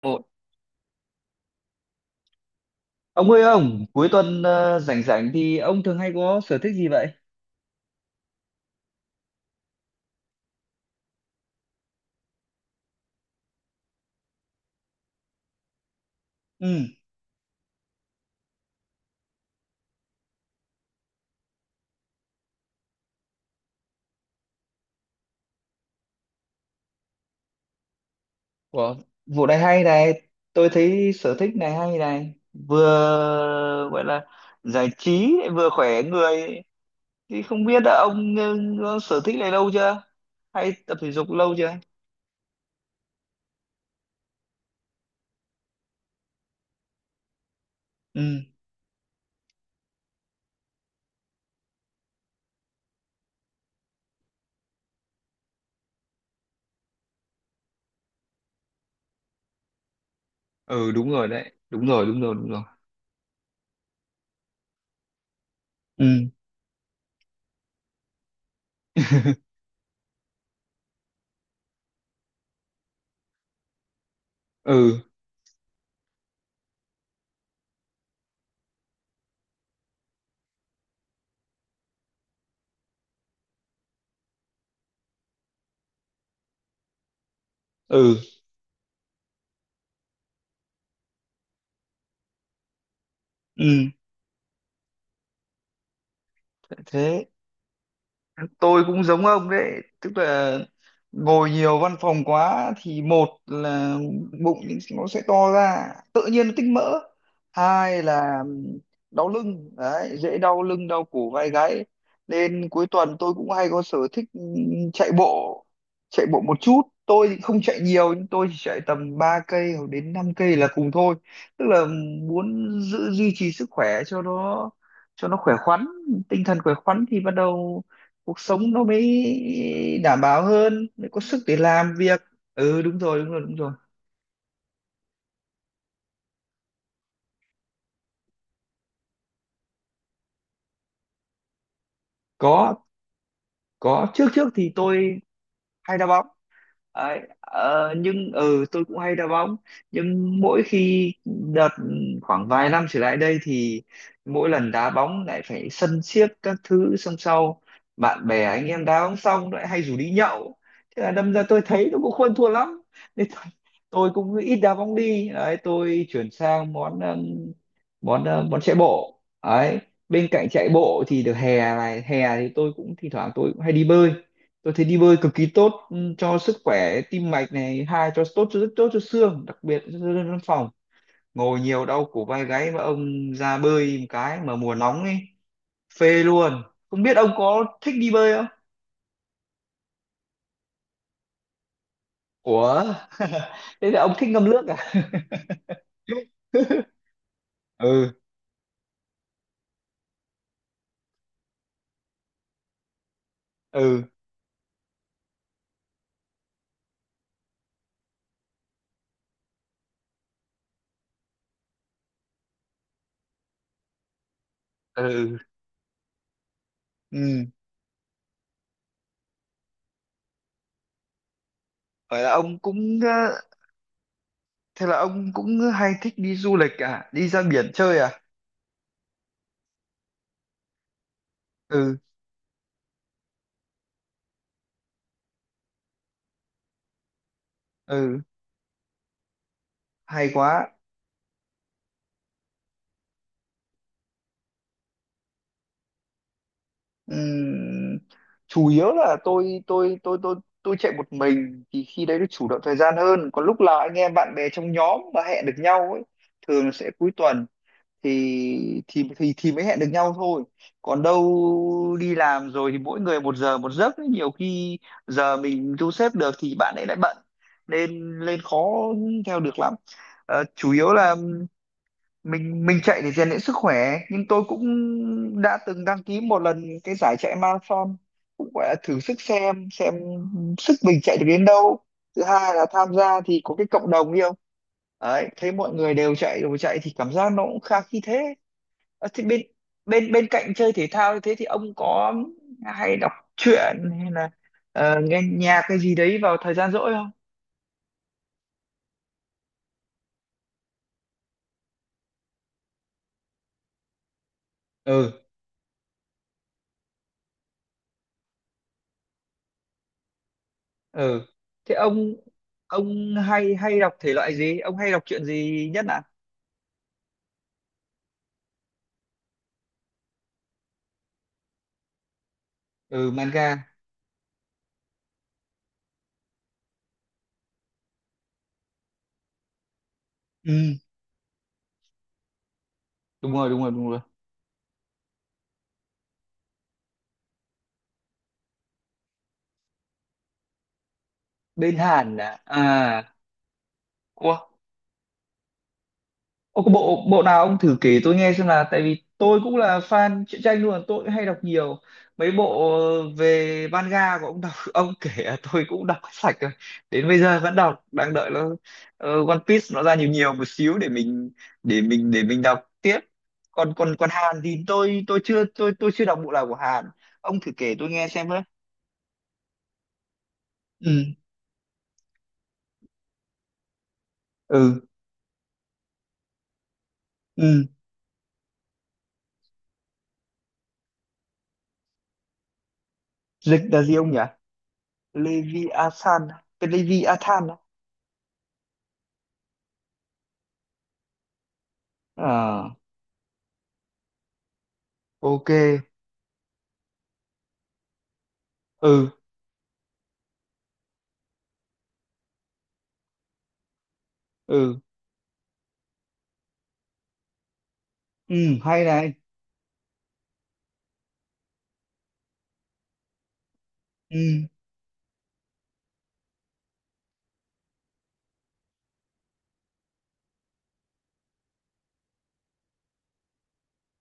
Ồ, ông ơi ông, cuối tuần rảnh rảnh thì ông thường hay có sở thích gì vậy? Ừ, của vụ này hay này, tôi thấy sở thích này hay này, vừa gọi là giải trí vừa khỏe người. Thì không biết là ông có sở thích này lâu chưa? Hay tập thể dục lâu chưa? Ừ, ừ đúng rồi đấy, đúng rồi, đúng rồi, đúng rồi. Ừ. Ừ. Ừ. Ừ. Thế tôi cũng giống ông đấy, tức là ngồi nhiều văn phòng quá thì một là bụng nó sẽ to ra, tự nhiên nó tích mỡ, hai là đau lưng đấy, dễ đau lưng đau cổ vai gáy, nên cuối tuần tôi cũng hay có sở thích chạy bộ chạy bộ một chút, tôi thì không chạy nhiều, nhưng tôi chỉ chạy tầm 3 cây hoặc đến 5 cây là cùng thôi, tức là muốn giữ duy trì sức khỏe cho nó khỏe khoắn, tinh thần khỏe khoắn thì bắt đầu cuộc sống nó mới đảm bảo hơn, mới có sức để làm việc. Ừ, đúng rồi, đúng rồi, đúng rồi. Có có trước trước thì tôi hay đá bóng. Đấy, ờ, nhưng ừ tôi cũng hay đá bóng, nhưng mỗi khi đợt khoảng vài năm trở lại đây thì mỗi lần đá bóng lại phải sân siếc các thứ, xong sau bạn bè anh em đá bóng xong lại hay rủ đi nhậu, thế là đâm ra tôi thấy nó cũng không thua lắm, nên tôi cũng ít đá bóng đi đấy, tôi chuyển sang món món ờ, món chạy bộ đấy. Bên cạnh chạy bộ thì được hè này, hè thì tôi cũng thỉnh thoảng tôi cũng hay đi bơi, tôi thấy đi bơi cực kỳ tốt, cho sức khỏe tim mạch này, hai cho tốt, rất tốt cho xương, đặc biệt cho dân văn phòng ngồi nhiều đau cổ vai gáy, mà ông ra bơi một cái mà mùa nóng ấy, phê luôn. Không biết ông có thích đi bơi không? Ủa? Thế là ông thích ngâm nước à? Ừ. Ừ. Ừ. Ừ. vậy là ông cũng ờ, Thế là ông cũng hay thích đi du lịch à, đi ra biển chơi à? Ừ. Ừ. Hay quá. Ừm, chủ yếu là tôi chạy một mình thì khi đấy được chủ động thời gian hơn, còn lúc là anh em bạn bè trong nhóm mà hẹn được nhau ấy, thường là sẽ cuối tuần thì mới hẹn được nhau thôi. Còn đâu đi làm rồi thì mỗi người một giờ một giấc ấy. Nhiều khi giờ mình thu xếp được thì bạn ấy lại bận, nên lên khó theo được lắm. Ờ, chủ yếu là mình chạy để rèn luyện sức khỏe, nhưng tôi cũng đã từng đăng ký một lần cái giải chạy marathon, cũng gọi là thử sức xem sức mình chạy được đến đâu. Thứ hai là tham gia thì có cái cộng đồng yêu, đấy, thấy mọi người đều chạy, đều chạy thì cảm giác nó cũng khá khi thế. Ờ, thì bên bên bên cạnh chơi thể thao như thế thì ông có hay đọc truyện hay là nghe nhạc cái gì đấy vào thời gian rỗi không? Ừ. Ừ. Thế ông hay hay đọc thể loại gì, ông hay đọc truyện gì nhất ạ? Ừ, manga. Ừ, đúng rồi, đúng rồi, đúng rồi. Bên Hàn à? À. Ủa? Ô, có bộ bộ nào ông thử kể tôi nghe xem, là tại vì tôi cũng là fan truyện tranh luôn, tôi cũng hay đọc nhiều. Mấy bộ về manga của ông đọc, ông kể là tôi cũng đọc hết sạch rồi. Đến bây giờ vẫn đọc, đang đợi nó, One Piece nó ra nhiều nhiều một xíu để mình đọc tiếp. Còn còn còn Hàn thì tôi chưa đọc bộ nào của Hàn. Ông thử kể tôi nghe xem với. Ừ. Ừ. Ừ. Dịch là gì ông nhỉ? Leviathan, cái Leviathan đó. À, ok. Ừ. Ừ. Ừ. Hay này. Ừ.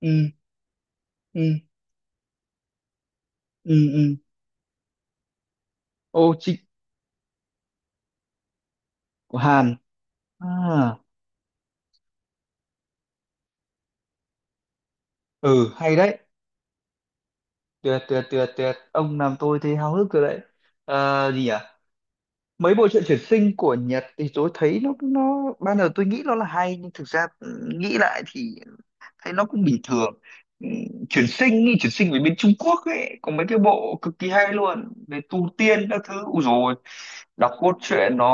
Ừ. Ừ. Ừ. Ừ. Ô chị, của Hàn à? Ừ, hay đấy. Tuyệt, tuyệt, tuyệt, tuyệt, ông làm tôi thấy háo hức rồi đấy. Ờ, gì nhỉ, mấy bộ truyện chuyển sinh của Nhật thì tôi thấy nó ban đầu tôi nghĩ nó là hay, nhưng thực ra, nghĩ lại thì thấy nó cũng bình thường. Ừ, chuyển sinh đi chuyển sinh về bên Trung Quốc ấy, có mấy cái bộ cực kỳ hay luôn về tu tiên các thứ. Ui, rồi đọc cốt truyện nó,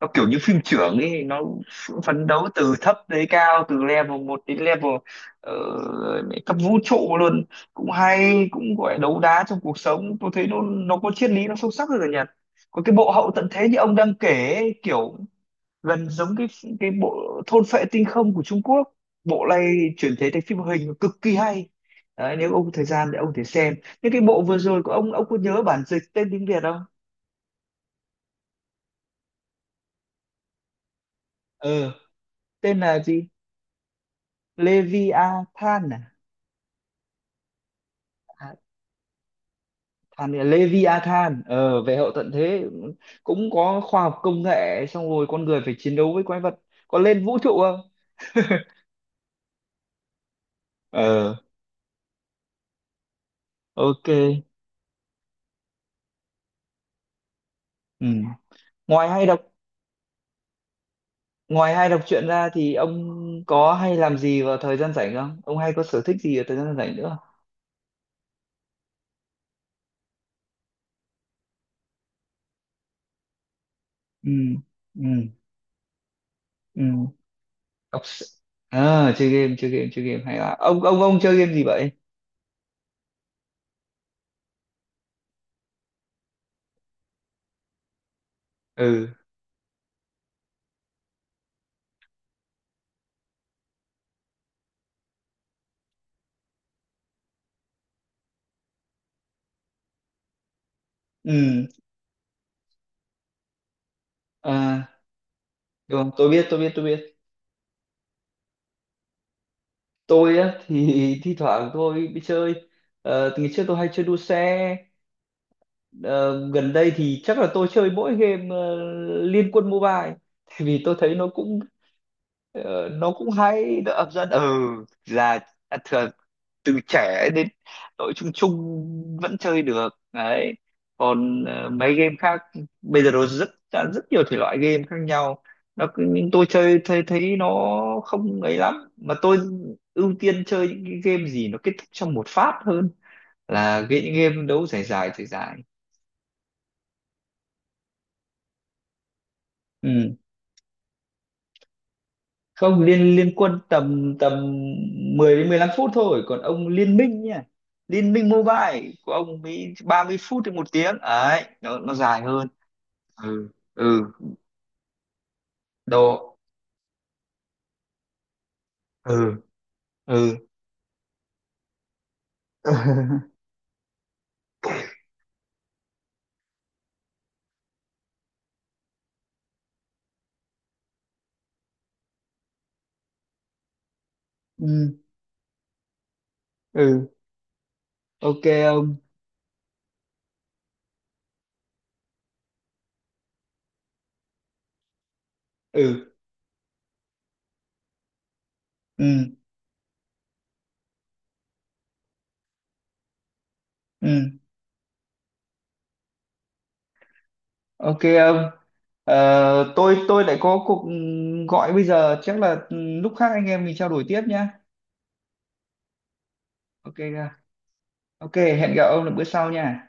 kiểu như phim trưởng ấy, nó phấn đấu từ thấp tới cao, từ level 1 đến level cấp vũ trụ luôn. Cũng hay, cũng gọi là đấu đá trong cuộc sống, tôi thấy nó có triết lý, nó sâu sắc hơn ở Nhật. Có cái bộ hậu tận thế như ông đang kể ấy, kiểu gần giống cái, bộ thôn phệ tinh không của Trung Quốc. Bộ này chuyển thể thành phim hoạt hình cực kỳ hay đấy, nếu ông có thời gian thì ông có thể xem. Những cái bộ vừa rồi của ông, có nhớ bản dịch tên tiếng Việt không? ờ tên là gì? Leviathan à? À, Than là Leviathan, về hậu tận thế, cũng có khoa học công nghệ, xong rồi con người phải chiến đấu với quái vật. Có lên vũ trụ không? Ờ, ok. Ừ. ngoài hay đọc Ngoài hay đọc truyện ra thì ông có hay làm gì vào thời gian rảnh không? Ông hay có sở thích gì vào thời gian rảnh nữa? Ừ, ừ, ừ. Đọc s- À, chơi game hay là ông chơi game gì vậy? Ừ, ừ, à, được không? Tôi biết, tôi biết, tôi biết. Tôi á thì thi thoảng tôi đi chơi. Ờ, từ ngày trước tôi hay chơi đua xe. Ờ, gần đây thì chắc là tôi chơi mỗi game, Liên Quân Mobile, tại vì tôi thấy nó cũng, Ờ, nó cũng hay, nó hấp dẫn. Ừ, là, à, thường từ trẻ đến đội, chung chung vẫn chơi được đấy. Còn mấy game khác bây giờ nó rất rất nhiều thể loại game khác nhau. Nhưng tôi chơi thấy thấy nó không ấy lắm, mà tôi ưu tiên chơi những cái game gì nó kết thúc trong một phát hơn là cái những game đấu dài dài dài dài. Ừ. Không, liên liên quân tầm tầm 10 đến 15 phút thôi, còn ông, liên minh nha. Liên minh mobile của ông mới 30 phút đến 1 tiếng ấy, nó dài hơn. Ừ. Ừ. Độ. Ừ. Ừ. Ừ. Ừ. Ok ông. Ừ. Ừ. Ừ. Ok ông. Ờ, tôi lại có cuộc gọi bây giờ, chắc là lúc khác anh em mình trao đổi tiếp nhá. Ok, ok, hẹn gặp ông là bữa sau nha.